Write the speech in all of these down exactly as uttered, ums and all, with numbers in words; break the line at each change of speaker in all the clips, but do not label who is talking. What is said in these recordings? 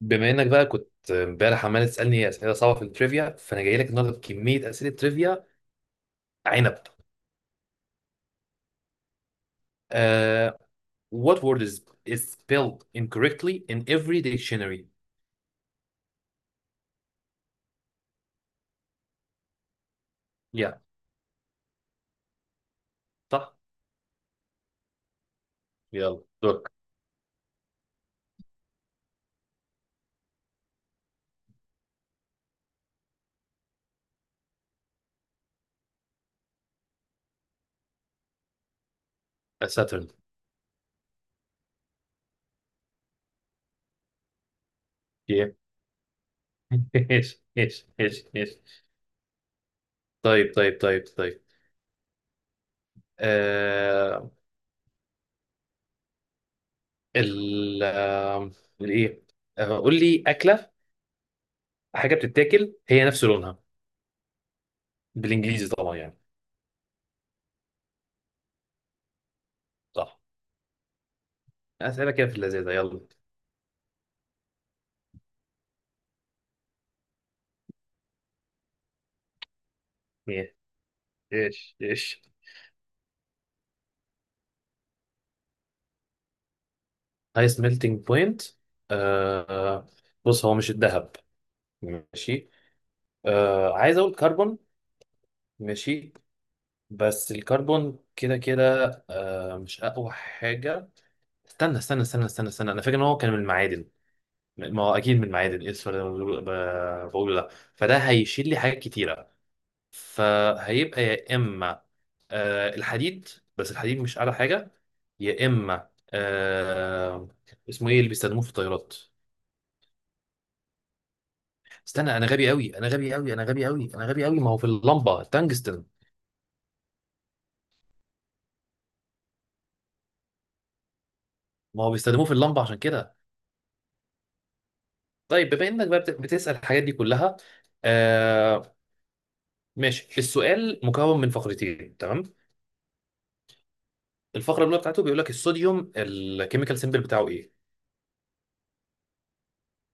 بما انك بقى كنت امبارح عمال تسالني اسئله صعبه في التريفيا، فانا جاي لك النهارده بكميه اسئله تريفيا. عنب. آه. What word is is spelled incorrectly in every dictionary? Yeah. صح. يلا، دورك. ساترن. ايه. ايش ايش ايش ايش طيب طيب طيب طيب. آه. ال آه، الايه؟ آه قول لي اكله. حاجه بتتاكل هي نفس لونها، بالانجليزي طبعا يعني. صح. اسئله كده في اللذيذه، يلا. ايه. ايش ايش. ايس ميلتنج بوينت. آه آه، بص، هو مش الذهب. ماشي. آه عايز اقول كربون. ماشي. بس الكربون كده كده آه مش اقوى حاجه. استنى استنى استنى استنى استنى، انا فاكر ان هو كان من المعادن. ما هو اكيد من المعادن. ايه السؤال اللي أنا بقوله؟ ب- بقوله ده، فده هيشيل لي حاجات كتيره. فهيبقى يا اما آه الحديد، بس الحديد مش اعلى حاجه. يا اما آه اسمه ايه اللي بيستخدموه في الطيارات؟ استنى، انا غبي قوي انا غبي قوي انا غبي قوي انا غبي قوي. ما هو في اللمبه التنجستن. ما هو بيستخدموه في اللمبه عشان كده. طيب، بما انك بقى بت- بتسال الحاجات دي كلها. آه. ماشي، السؤال مكون من فقرتين، تمام؟ الفقره الاولى بتاعته بيقول لك الصوديوم الكيميكال سيمبل بتاعه ايه.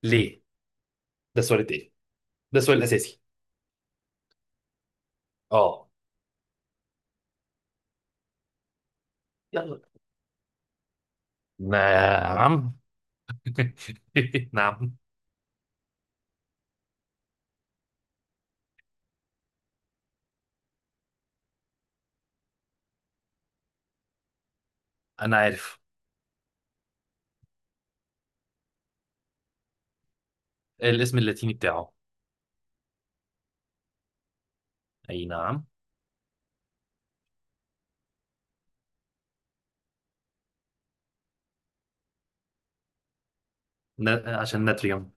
ليه؟ ده السؤال التاني. ده السؤال الاساسي. اه. يلا. نعم. نعم. انا عارف. الاسم اللاتيني بتاعه. اي نعم. نا- عشان ناتريوم.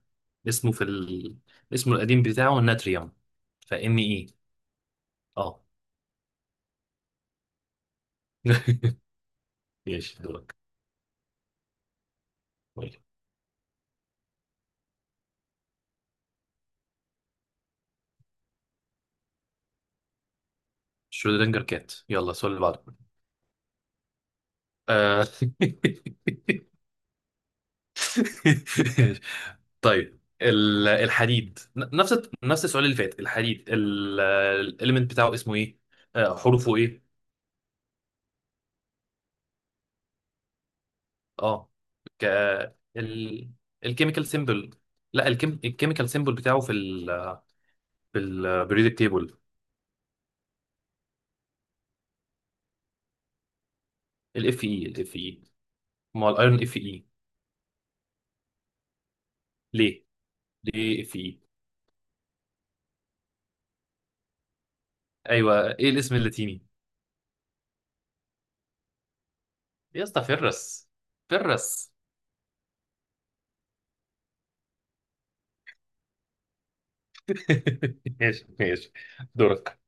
اسمه في ال... اسمه القديم بتاعه ناتريوم. فإن إيه. اه. ماشي، دورك. طيب. شرودنجر كات. يلا السؤال اللي بعده. آه. طيب، ال- الحديد، ن- نفس نفس السؤال اللي فات. الحديد الاليمنت بتاعه اسمه ايه؟ آه، حروفه ايه؟ اه. ك ال الكيميكال سيمبل. لا، الكيم الكيميكال سيمبل بتاعه في ال في البريودك تيبل. الاف اي الاف اي. ما هو الايرون اف اي. ليه؟ ليه اف اي؟ ايوه، ايه الاسم اللاتيني؟ يا اسطى، فيرس. فيرس. ماشي ماشي. دورك.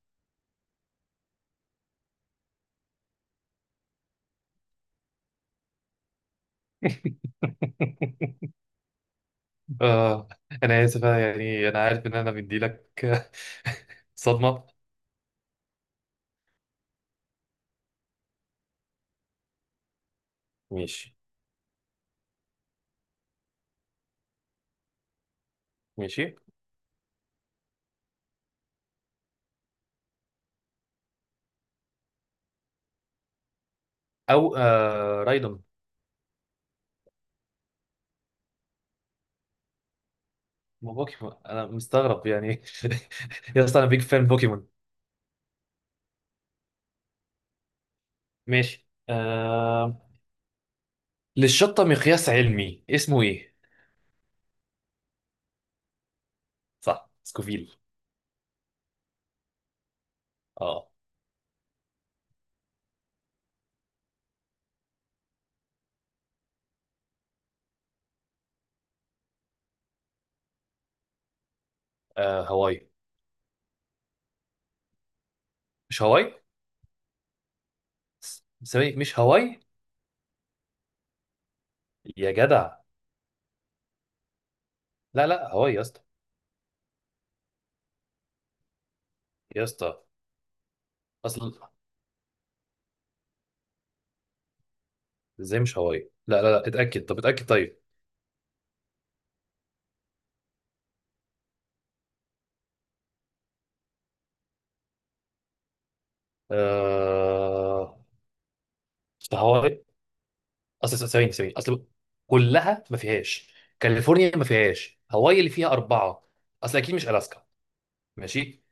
اه. انا اسف، أنا يعني انا عارف ان انا بدي لك صدمه. ماشي ماشي. او آه رايدون. ما بوكيمون، انا مستغرب يعني. يا اسطى، انا بيج فان بوكيمون. ماشي. آه... للشطه مقياس علمي اسمه ايه؟ صح، سكوفيل. اه. آه هواي. مش هواي. س- ثواني، مش هواي؟ يا جدع. لا لا، هواي يا اسطى. يا اسطى، اصلا ازاي مش هواي؟ لا لا لا، اتاكد، طب اتاكد طيب. آه... مش هواي. اصل ثواني ثواني. اصل كلها ما فيهاش. كاليفورنيا ما فيهاش، هواي اللي فيها اربعه. اصل اكيد مش الاسكا. ماشي.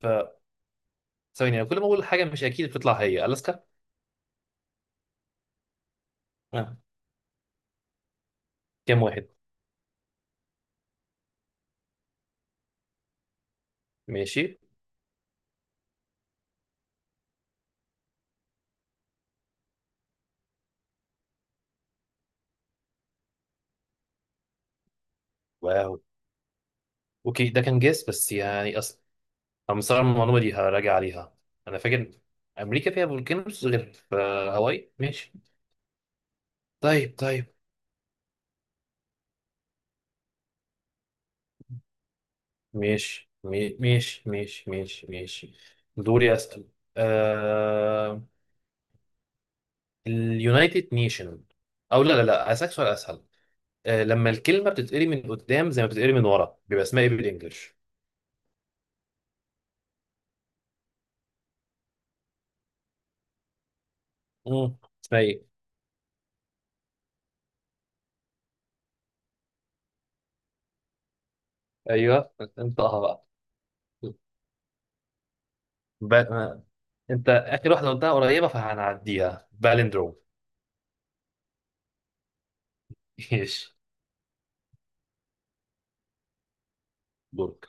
ف ثواني، أنا كل ما اقول حاجه مش اكيد بتطلع هي الاسكا. آه. كام واحد؟ ماشي. واو. اوكي، ده كان جيس بس يعني. اصل انا مستغرب من المعلومه دي، هراجع عليها. انا فاكر امريكا فيها فولكانوز غير في هاواي. ماشي. طيب طيب. ماشي، مي- ماشي ماشي ماشي ماشي. دوري، اسال. آه... اليونايتد نيشن. او لا لا لا، اسالك سؤال اسهل. آه... لما الكلمه بتتقري من قدام زي ما بتتقري من ورا بيبقى اسمها ايه بالانجلش؟ مم. اسمها ايه؟ ايوه، انطقها بقى. ب... آه، انت اخر واحده قلتها قريبه، فهنعديها. بالندروم. ماشي، دورك.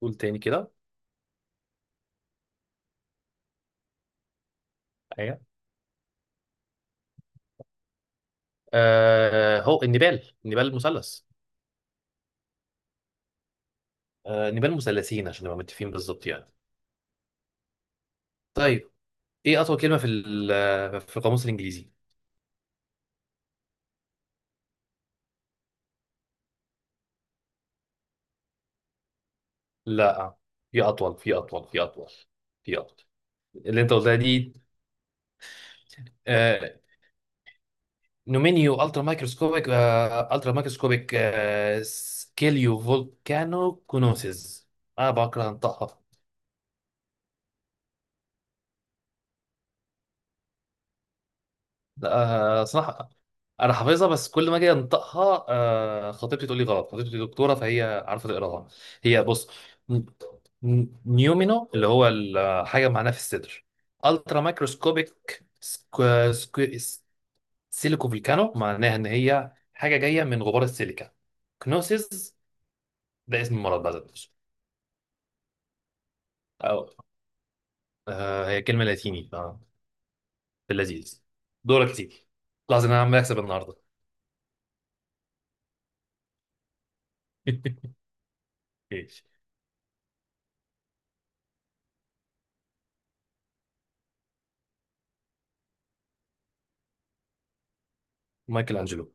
قول تاني كده. ايوه. آه هو النبال، النبال المثلث. آه نبال مثلثين، عشان نبقى متفقين بالظبط يعني. طيب. ايه اطول كلمه في ال- في القاموس الانجليزي؟ لا، في اطول، في اطول، في اطول. في اطول. اللي انت قلتها دي. آه. نومينيو الترا مايكروسكوبيك آه الترا مايكروسكوبيك آه سكيليو فولكانو كونوسيس. انا بكره انطقها. لا، آه، صراحة أنا حافظها، بس كل ما أجي أنطقها آه، خطيبتي تقول لي غلط. خطيبتي دكتورة فهي عارفة تقراها. هي بص. ن- ن- نيومينو، اللي هو الحاجة معناها في الصدر. ألترا مايكروسكوبيك سكو. سكو. سيليكو فولكانو، معناها إن هي حاجة جاية من غبار السيليكا. كنوسيس. ده اسم المرض بقى ده. أو، آه، هي كلمة لاتيني. آه، في اللذيذ. دورك تيجي. لحظة، إن أنا عمال أكسب النهاردة. ماشي. مايكل أنجلو.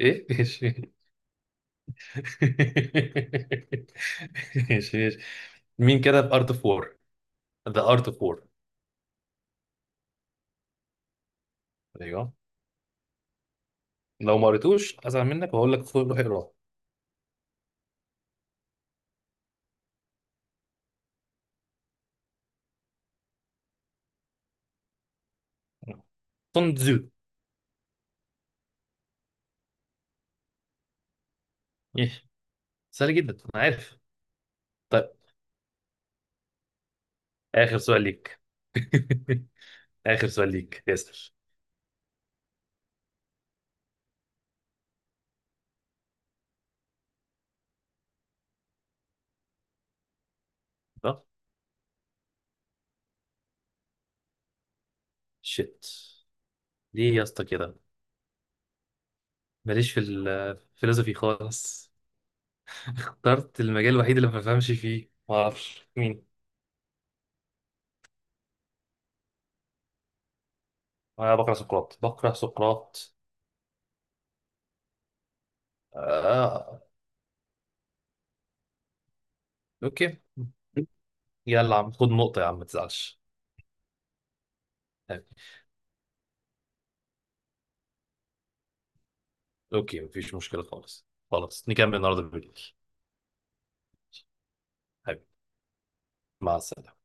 ايه، ماشي. ماشي ماشي. مين كتب ارت اوف وور؟ ذا ارت اوف وور. ايوه. لو ما قريتوش ازعل منك، وهقول لك خد روح اقراه. سون تزو. إيه. سهل جدا، انا عارف. طيب، اخر سؤال ليك. اخر سؤال ليك ياسر طب. شيت. ليه يا اسطى كده؟ ماليش في الفلسفي خالص. اخترت المجال الوحيد اللي ما بفهمش فيه. ما اعرفش مين. انا بقرا سقراط بقرا سقراط. آه. اوكي. يلا يا عم خد نقطة، يا عم ما تزعلش. حبيبي. اوكي، مفيش مشكلة خالص. خلاص نكمل النهاردة بالليل. حبيبي، مع السلامة.